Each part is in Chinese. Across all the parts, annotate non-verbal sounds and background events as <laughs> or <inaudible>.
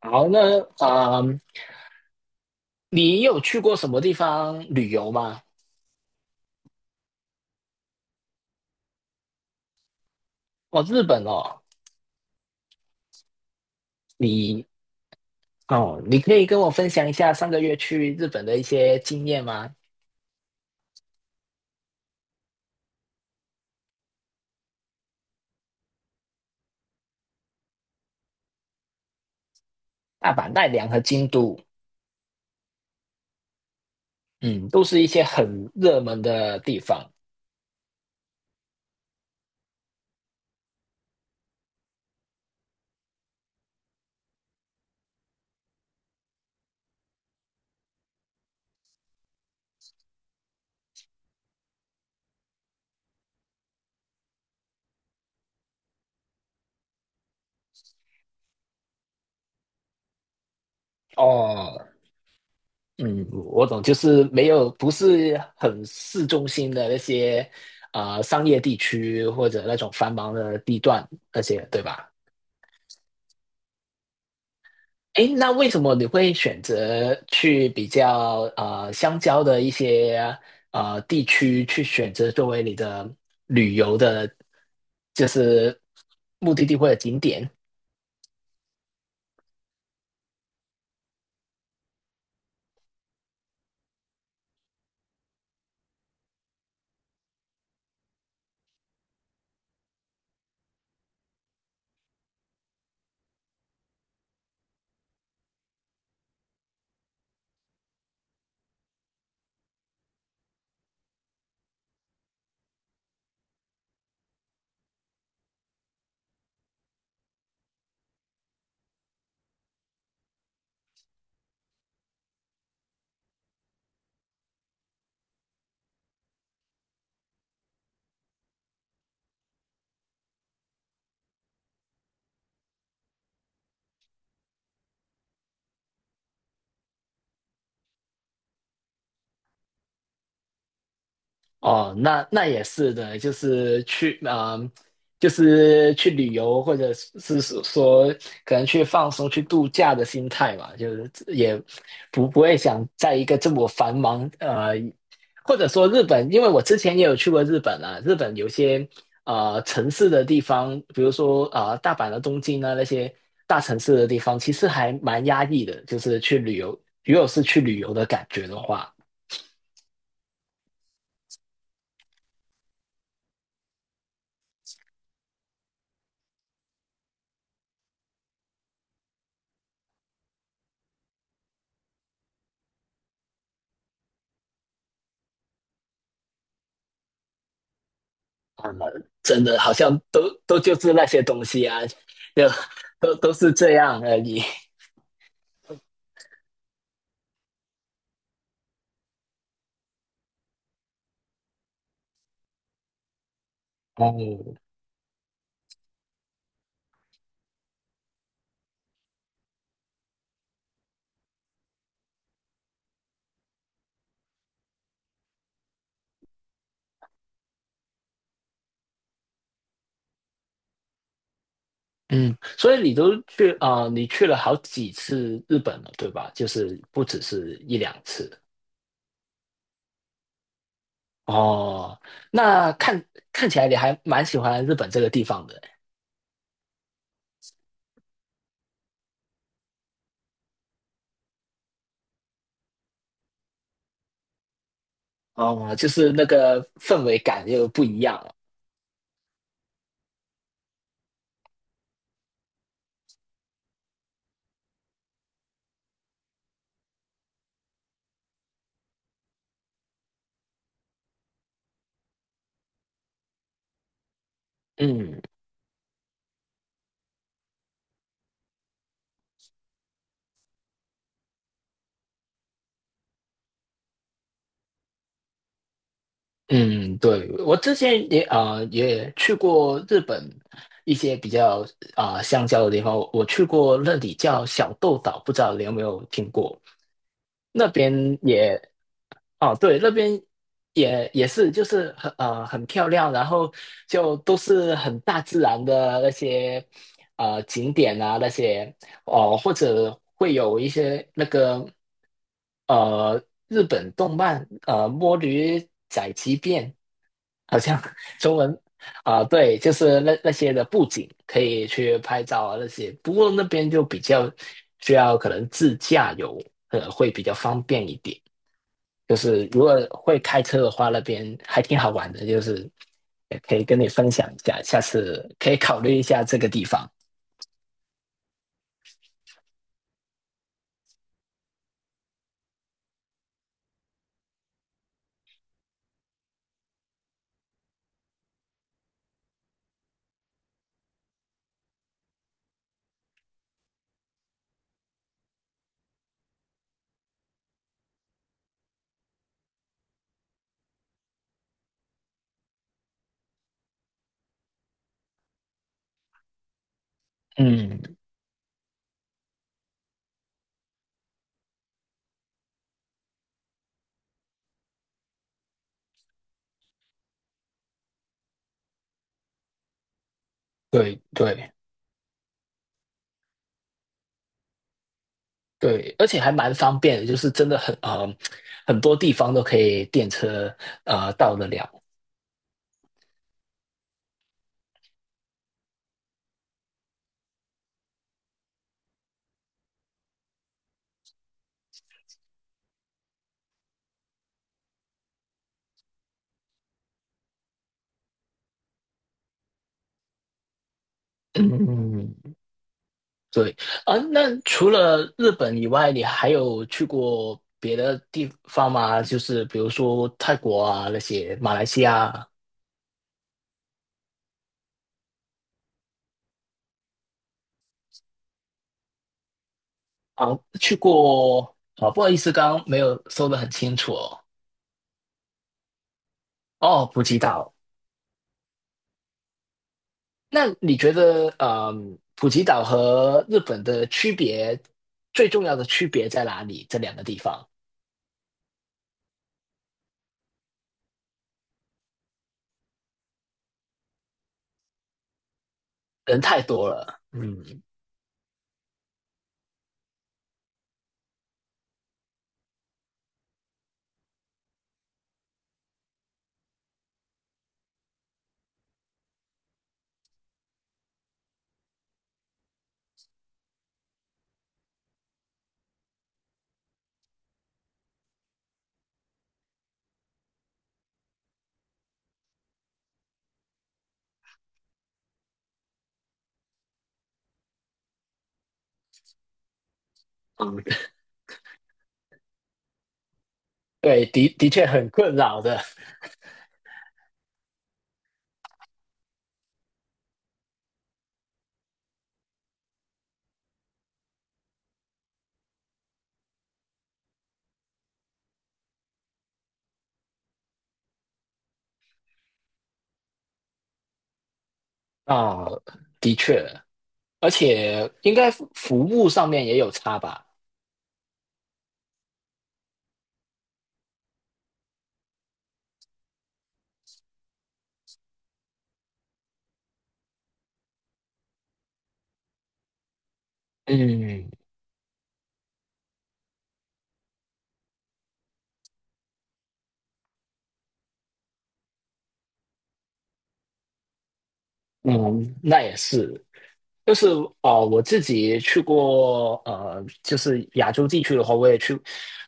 好，那你有去过什么地方旅游吗？哦，日本哦，你哦，你可以跟我分享一下上个月去日本的一些经验吗？大阪、奈良和京都，嗯，都是一些很热门的地方哦。嗯，我懂，就是没有不是很市中心的那些商业地区或者那种繁忙的地段那些，对吧？诶，那为什么你会选择去比较相交的一些地区去选择作为你的旅游的，就是目的地或者景点？哦，那那也是的，就是去就是去旅游，或者是说可能去放松、去度假的心态嘛，就是也不会想在一个这么繁忙,或者说日本，因为我之前也有去过日本啊，日本有些呃城市的地方，比如说大阪的东京啊那些大城市的地方，其实还蛮压抑的，就是去旅游，如果是去旅游的感觉的话。啊，真的好像都就是那些东西啊，就都是这样而已。哦，嗯，所以你都去你去了好几次日本了，对吧？就是不只是一两次。哦，那看起来你还蛮喜欢日本这个地方的。哦，就是那个氛围感又不一样了。嗯嗯，对，我之前也也去过日本一些比较乡郊的地方，我去过那里叫小豆岛，不知道你有没有听过？那边也哦，对，那边也是，就是很很漂亮，然后就都是很大自然的那些呃景点啊，那些哦、或者会有一些那个呃日本动漫呃《摸驴宅急变》，好像 <laughs> 中文啊、对，就是那那些的布景可以去拍照啊那些，不过那边就比较需要可能自驾游，呃，会比较方便一点。就是如果会开车的话，那边还挺好玩的，就是也可以跟你分享一下，下次可以考虑一下这个地方。嗯，对对对，而且还蛮方便的，就是真的很多地方都可以电车到得了。嗯，对啊，那除了日本以外，你还有去过别的地方吗？就是比如说泰国啊那些，马来西亚啊啊，去过啊，不好意思，刚刚没有说的很清楚哦。哦，普吉岛，那你觉得，嗯，普吉岛和日本的区别，最重要的区别在哪里？这两个地方人太多了，嗯嗯，<laughs> 对，的的确很困扰的啊，的确，而且应该服务上面也有差吧？嗯嗯，那也是，就是哦，我自己去过，呃，就是亚洲地区的话，我也去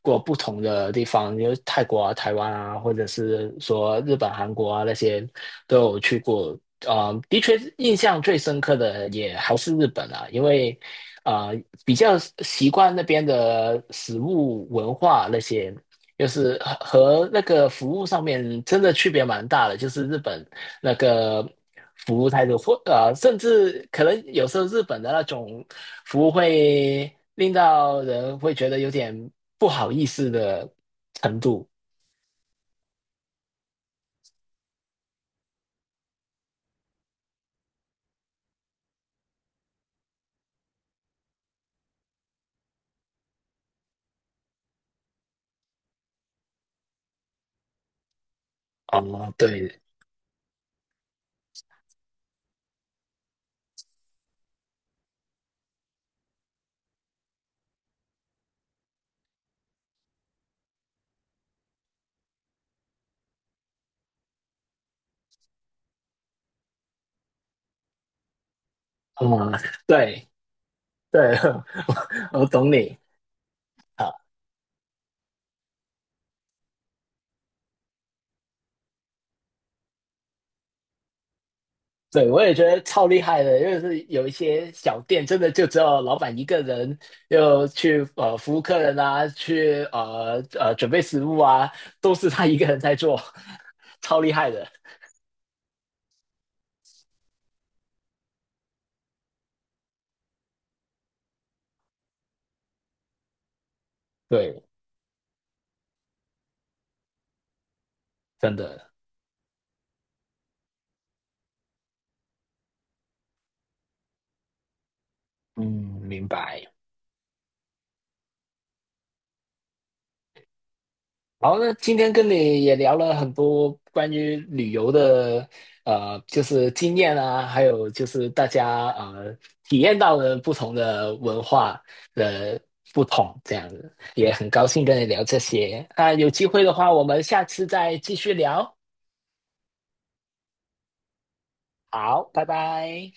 过不同的地方，因为泰国啊、台湾啊，或者是说日本、韩国啊那些都有去过。啊、的确，印象最深刻的也还是日本啊，因为比较习惯那边的食物文化那些，就是和那个服务上面真的区别蛮大的，就是日本。那个服务态度，或,甚至可能有时候日本的那种服务会令到人会觉得有点不好意思的程度。哦，对，嗯，对对，<laughs> 我懂你啊，对我也觉得超厉害的，因为是有一些小店真的就只有老板一个人，又去服务客人啊，去准备食物啊，都是他一个人在做，<laughs> 超厉害的，对，真的。嗯，明白。好，那今天跟你也聊了很多关于旅游的，呃，就是经验啊，还有就是大家呃体验到的不同的文化的不同，这样子也很高兴跟你聊这些。那有机会的话，我们下次再继续聊。好，拜拜。